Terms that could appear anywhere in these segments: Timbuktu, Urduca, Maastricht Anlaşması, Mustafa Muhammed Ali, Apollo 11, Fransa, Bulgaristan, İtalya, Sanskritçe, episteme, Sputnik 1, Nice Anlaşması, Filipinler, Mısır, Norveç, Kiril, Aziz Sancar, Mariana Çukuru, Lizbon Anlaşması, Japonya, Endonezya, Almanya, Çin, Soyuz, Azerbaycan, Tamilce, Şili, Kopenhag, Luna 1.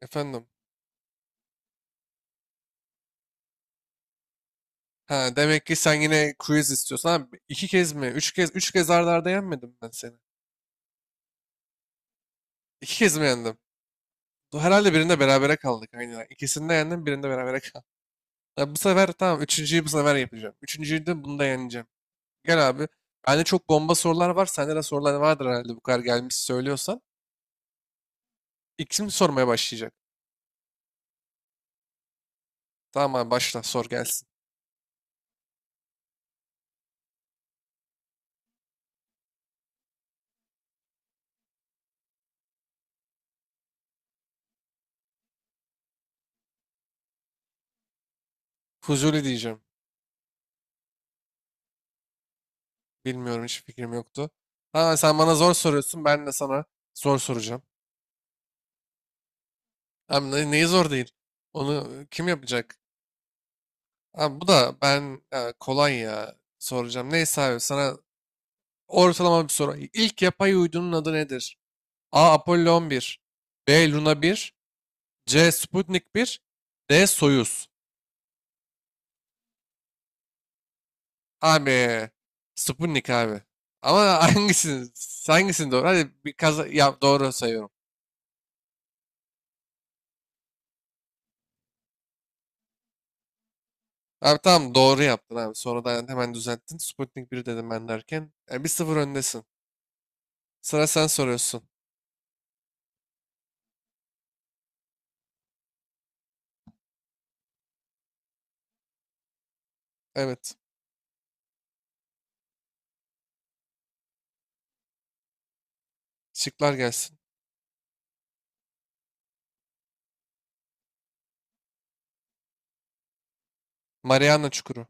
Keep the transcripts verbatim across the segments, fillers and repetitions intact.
Efendim. Ha, demek ki sen yine quiz istiyorsun. Abi, iki kez mi? Üç kez, üç kez arda arda yenmedim ben seni. İki kez mi yendim? Du- Herhalde birinde berabere kaldık. Aynen. İkisinde yendim, birinde berabere kaldım. Ya bu sefer tamam, üçüncüyü bu sefer yapacağım. Üçüncüyü de bunu da yeneceğim. Gel abi. Bende çok bomba sorular var. Sende de sorular vardır herhalde bu kadar gelmiş söylüyorsan. İlk kim sormaya başlayacak? Tamam abi başla sor gelsin. Fuzuli diyeceğim. Bilmiyorum, hiç fikrim yoktu. Ha, sen bana zor soruyorsun. Ben de sana zor soracağım. Abi ne- neyi zor değil? Onu kim yapacak? Abi bu da ben ya, kolay ya soracağım. Neyse abi sana ortalama bir soru. İlk yapay uydunun adı nedir? A. Apollo on bir B. Luna bir C. Sputnik bir D. Soyuz Abi Sputnik abi. Ama hangisini, hangisini doğru? Hadi bir kaza ya doğru sayıyorum. Abi tamam doğru yaptın abi. Sonradan hemen düzelttin. Sputnik bir dedim ben derken. Yani bir sıfır öndesin. Sıra sen soruyorsun. Evet. Şıklar gelsin. Mariana Çukuru.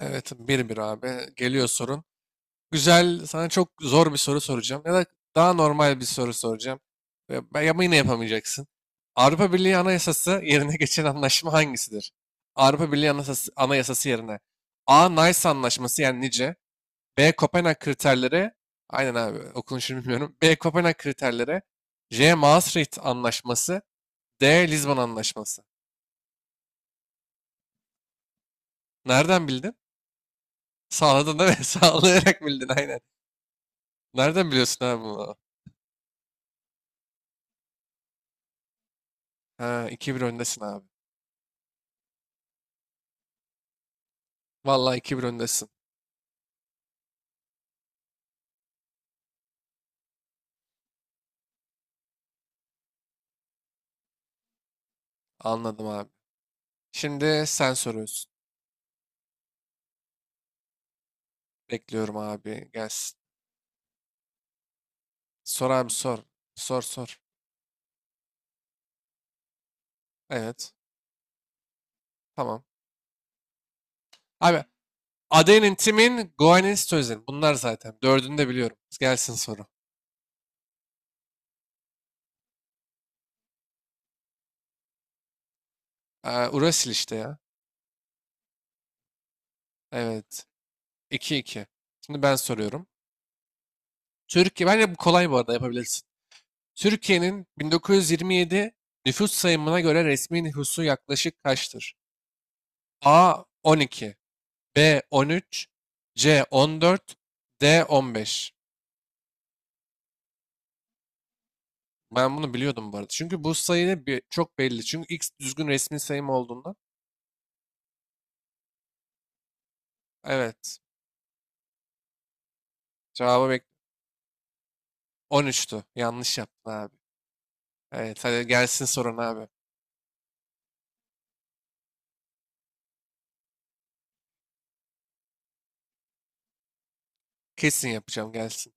Evet, bir bir abi. Geliyor sorun. Güzel, sana çok zor bir soru soracağım. Ya da daha normal bir soru soracağım. Ve- ben- Ama yine yapamayacaksın. Avrupa Birliği Anayasası yerine geçen anlaşma hangisidir? Avrupa Birliği Anayasası, Anayasası yerine. A. Nice Anlaşması, yani nice. B. Kopenhag kriterleri. Aynen abi, okunuşunu bilmiyorum. B. Kopenhag kriterleri. C. Maastricht Anlaşması. D. Lizbon Anlaşması. Nereden bildin? Sağladın değil mi? Sağlayarak bildin, aynen. Nereden biliyorsun abi bunu? Ha, iki bir öndesin abi. Vallahi iki bir öndesin. Anladım abi. Şimdi sen soruyorsun. Bekliyorum abi. Gelsin. Sor abi sor. Sor sor. Evet. Tamam. Abi Aden'in timin Goen'in Stözen. Bunlar zaten. Dördünü de biliyorum. Gelsin soru. Ee, Urasil işte ya. Evet. iki iki. Şimdi ben soruyorum. Türkiye. Bence bu kolay bu arada, yapabilirsin. Türkiye'nin bin dokuz yüz yirmi yedi nüfus sayımına göre resmi nüfusu yaklaşık kaçtır? A on iki, B on üç, C on dört, D on beş. Ben bunu biliyordum bu arada. Çünkü bu sayı bir- çok belli. Çünkü X düzgün resmi sayım olduğundan. Evet. Cevabı bek on üçtü. Yanlış yaptın abi. Evet hadi gelsin sorun abi. Kesin yapacağım, gelsin.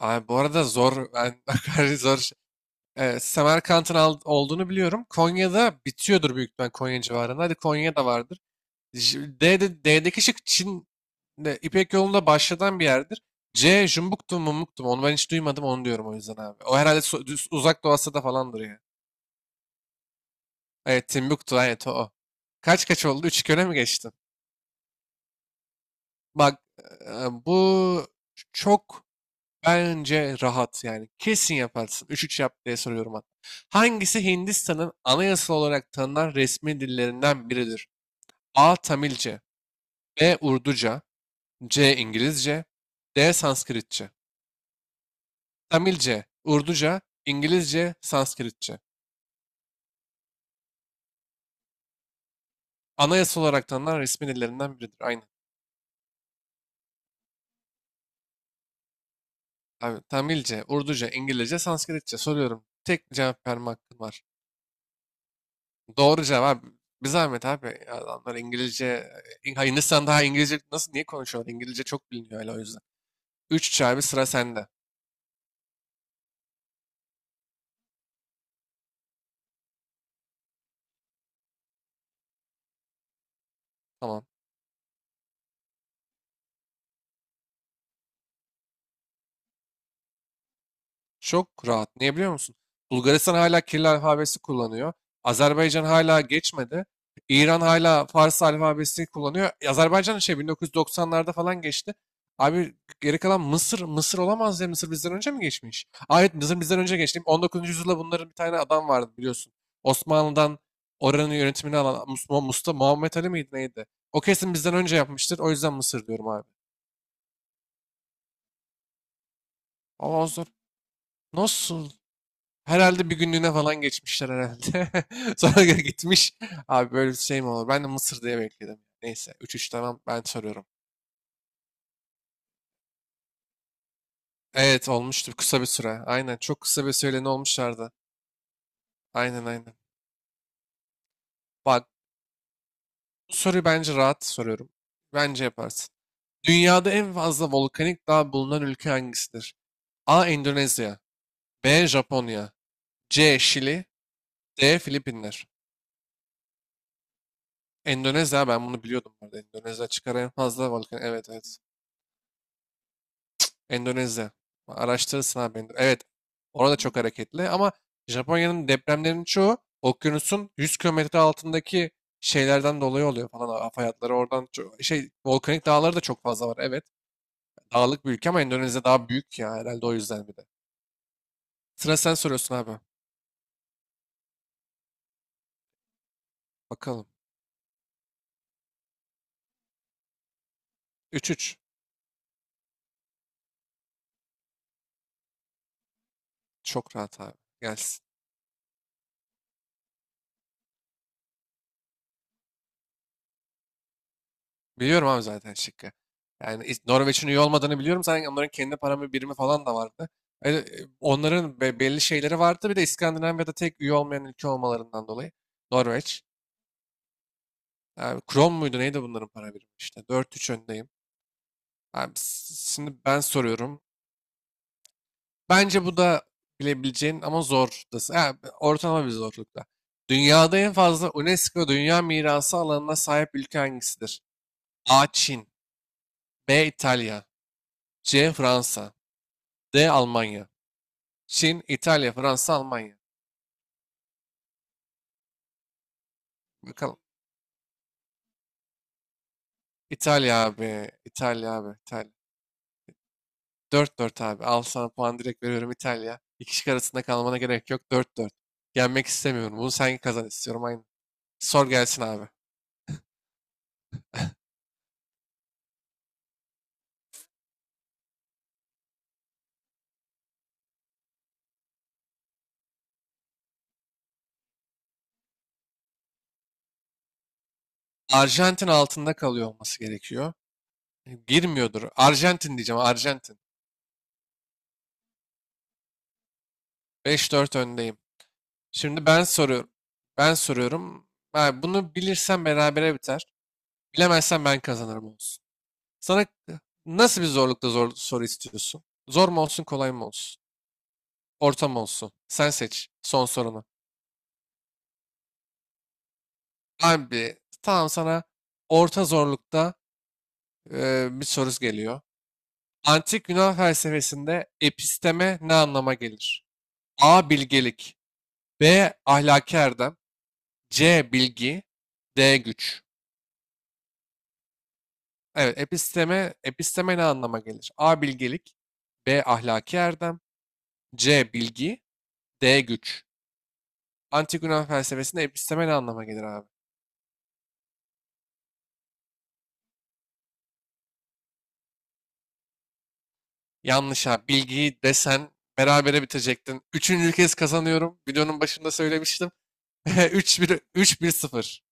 Abi bu arada zor. Ben zor. Şey e, Semerkant'ın al- olduğunu biliyorum. Konya'da bitiyordur büyük ihtimal, Konya civarında. Hadi Konya'da vardır. J- D'de, D'deki şık Çin de, İpek yolunda başladan bir yerdir. C Jumbuktu mu Mumuktu mu? Onu ben hiç duymadım, onu diyorum o yüzden abi. O herhalde so- düz- uzak Doğu Asya'da falandır ya. Evet Timbuktu, evet o. o. Kaç kaç oldu? üç iki öne mi geçtim? Bak e, bu çok Bence rahat yani. Kesin yaparsın. Üç üç yap diye soruyorum hatta. Hangisi Hindistan'ın anayasal olarak tanınan resmi dillerinden biridir? A. Tamilce B. Urduca C. İngilizce D. Sanskritçe Tamilce, Urduca, İngilizce, Sanskritçe. Anayasal olarak tanınan resmi dillerinden biridir. Aynen. Abi, Tamilce, Urduca, İngilizce, Sanskritçe soruyorum. Tek cevap verme hakkın var. Doğru cevap. Bir zahmet abi. Adamlar İngilizce, İng- ha, Hindistan daha İngilizce nasıl, niye konuşuyorlar? İngilizce çok biliniyor öyle, o yüzden. üç üç abi, sıra sende. Tamam. Çok rahat. Niye biliyor musun? Bulgaristan hala Kiril alfabesi kullanıyor. Azerbaycan hala geçmedi. İran hala Fars alfabesini kullanıyor. Azerbaycan şey bin dokuz yüz doksanlarda falan geçti. Abi geri kalan Mısır, Mısır olamaz ya. Mısır bizden önce mi geçmiş? Aa, evet Mısır bizden önce geçti. on dokuzuncu yüzyılda bunların bir tane adam vardı biliyorsun. Osmanlı'dan oranın yönetimini alan Mustafa, Mustafa Muhammed Ali miydi neydi? O kesin bizden önce yapmıştır. O yüzden Mısır diyorum abi. Ama o zor. Nasıl? Herhalde bir günlüğüne falan geçmişler herhalde. Sonra gitmiş. Abi böyle bir şey mi olur? Ben de Mısır diye bekledim. Neyse üç üç, tamam ben soruyorum. Evet olmuştur kısa bir süre. Aynen, çok kısa bir süreyle ne olmuşlardı. Aynen aynen. Bak bu soruyu bence rahat soruyorum. Bence yaparsın. Dünyada en fazla volkanik dağ bulunan ülke hangisidir? A. Endonezya B. Japonya C. Şili D. Filipinler. Endonezya, ben bunu biliyordum burada. Endonezya çıkar en fazla volkan. Evet evet. Endonezya. Araştırırsın abi. Endo- Evet. Orada çok hareketli ama Japonya'nın depremlerinin çoğu okyanusun yüz kilometre altındaki şeylerden dolayı oluyor falan. Hava hayatları oradan çok, şey volkanik dağları da çok fazla var. Evet. Dağlık bir ülke ama Endonezya daha büyük ya herhalde, o yüzden bir de. Sıra sen soruyorsun abi. Bakalım. üç üç. Çok rahat abi. Gelsin. Biliyorum abi zaten şıkkı. Yani İs- Norveç'in üye olmadığını biliyorum. Zaten onların kendi para bir- birimi falan da vardı. E, e, onların be- belli şeyleri vardı. Bir de İskandinavya'da tek üye olmayan ülke olmalarından dolayı. Norveç. Yani Kron muydu neydi bunların para birimi işte. Dört üç öndeyim. Abi, s- şimdi ben soruyorum. Bence bu da bilebileceğin ama zor. da- Ha, ortalama bir zorlukta. Dünyada en fazla UNESCO Dünya Mirası alanına sahip ülke hangisidir? A. Çin B. İtalya C. Fransa D. Almanya Çin, İtalya, Fransa, Almanya. Bakalım. İtalya abi. İtalya abi. İtalya. Dört dört abi. Al sana puan direkt veriyorum, İtalya. İki şık arasında kalmana gerek yok. Dört. 4 Yenmek istemiyorum. Bunu sen kazan istiyorum. Aynı. Sor gelsin abi. Arjantin altında kalıyor olması gerekiyor. Girmiyordur. Arjantin diyeceğim. Arjantin. Beş dört öndeyim. Şimdi ben soruyorum. Ben soruyorum. Ha, bunu bilirsen berabere biter. Bilemezsen ben kazanırım, olsun. Sana nasıl bir zorlukta zor soru istiyorsun? Zor mu olsun, kolay mı olsun? Orta mı olsun? Sen seç son sorunu. Abi tamam, sana orta zorlukta e, bir soru geliyor. Antik Yunan felsefesinde episteme ne anlama gelir? A. Bilgelik B. Ahlaki erdem C. Bilgi D. Güç Evet episteme, episteme ne anlama gelir? A. Bilgelik B. Ahlaki erdem C. Bilgi D. Güç Antik Yunan felsefesinde episteme ne anlama gelir abi? Yanlış abi. Bilgiyi desen berabere bitirecektin. Üçüncü kez kazanıyorum. Videonun başında söylemiştim. Üç bir üç bir sıfır.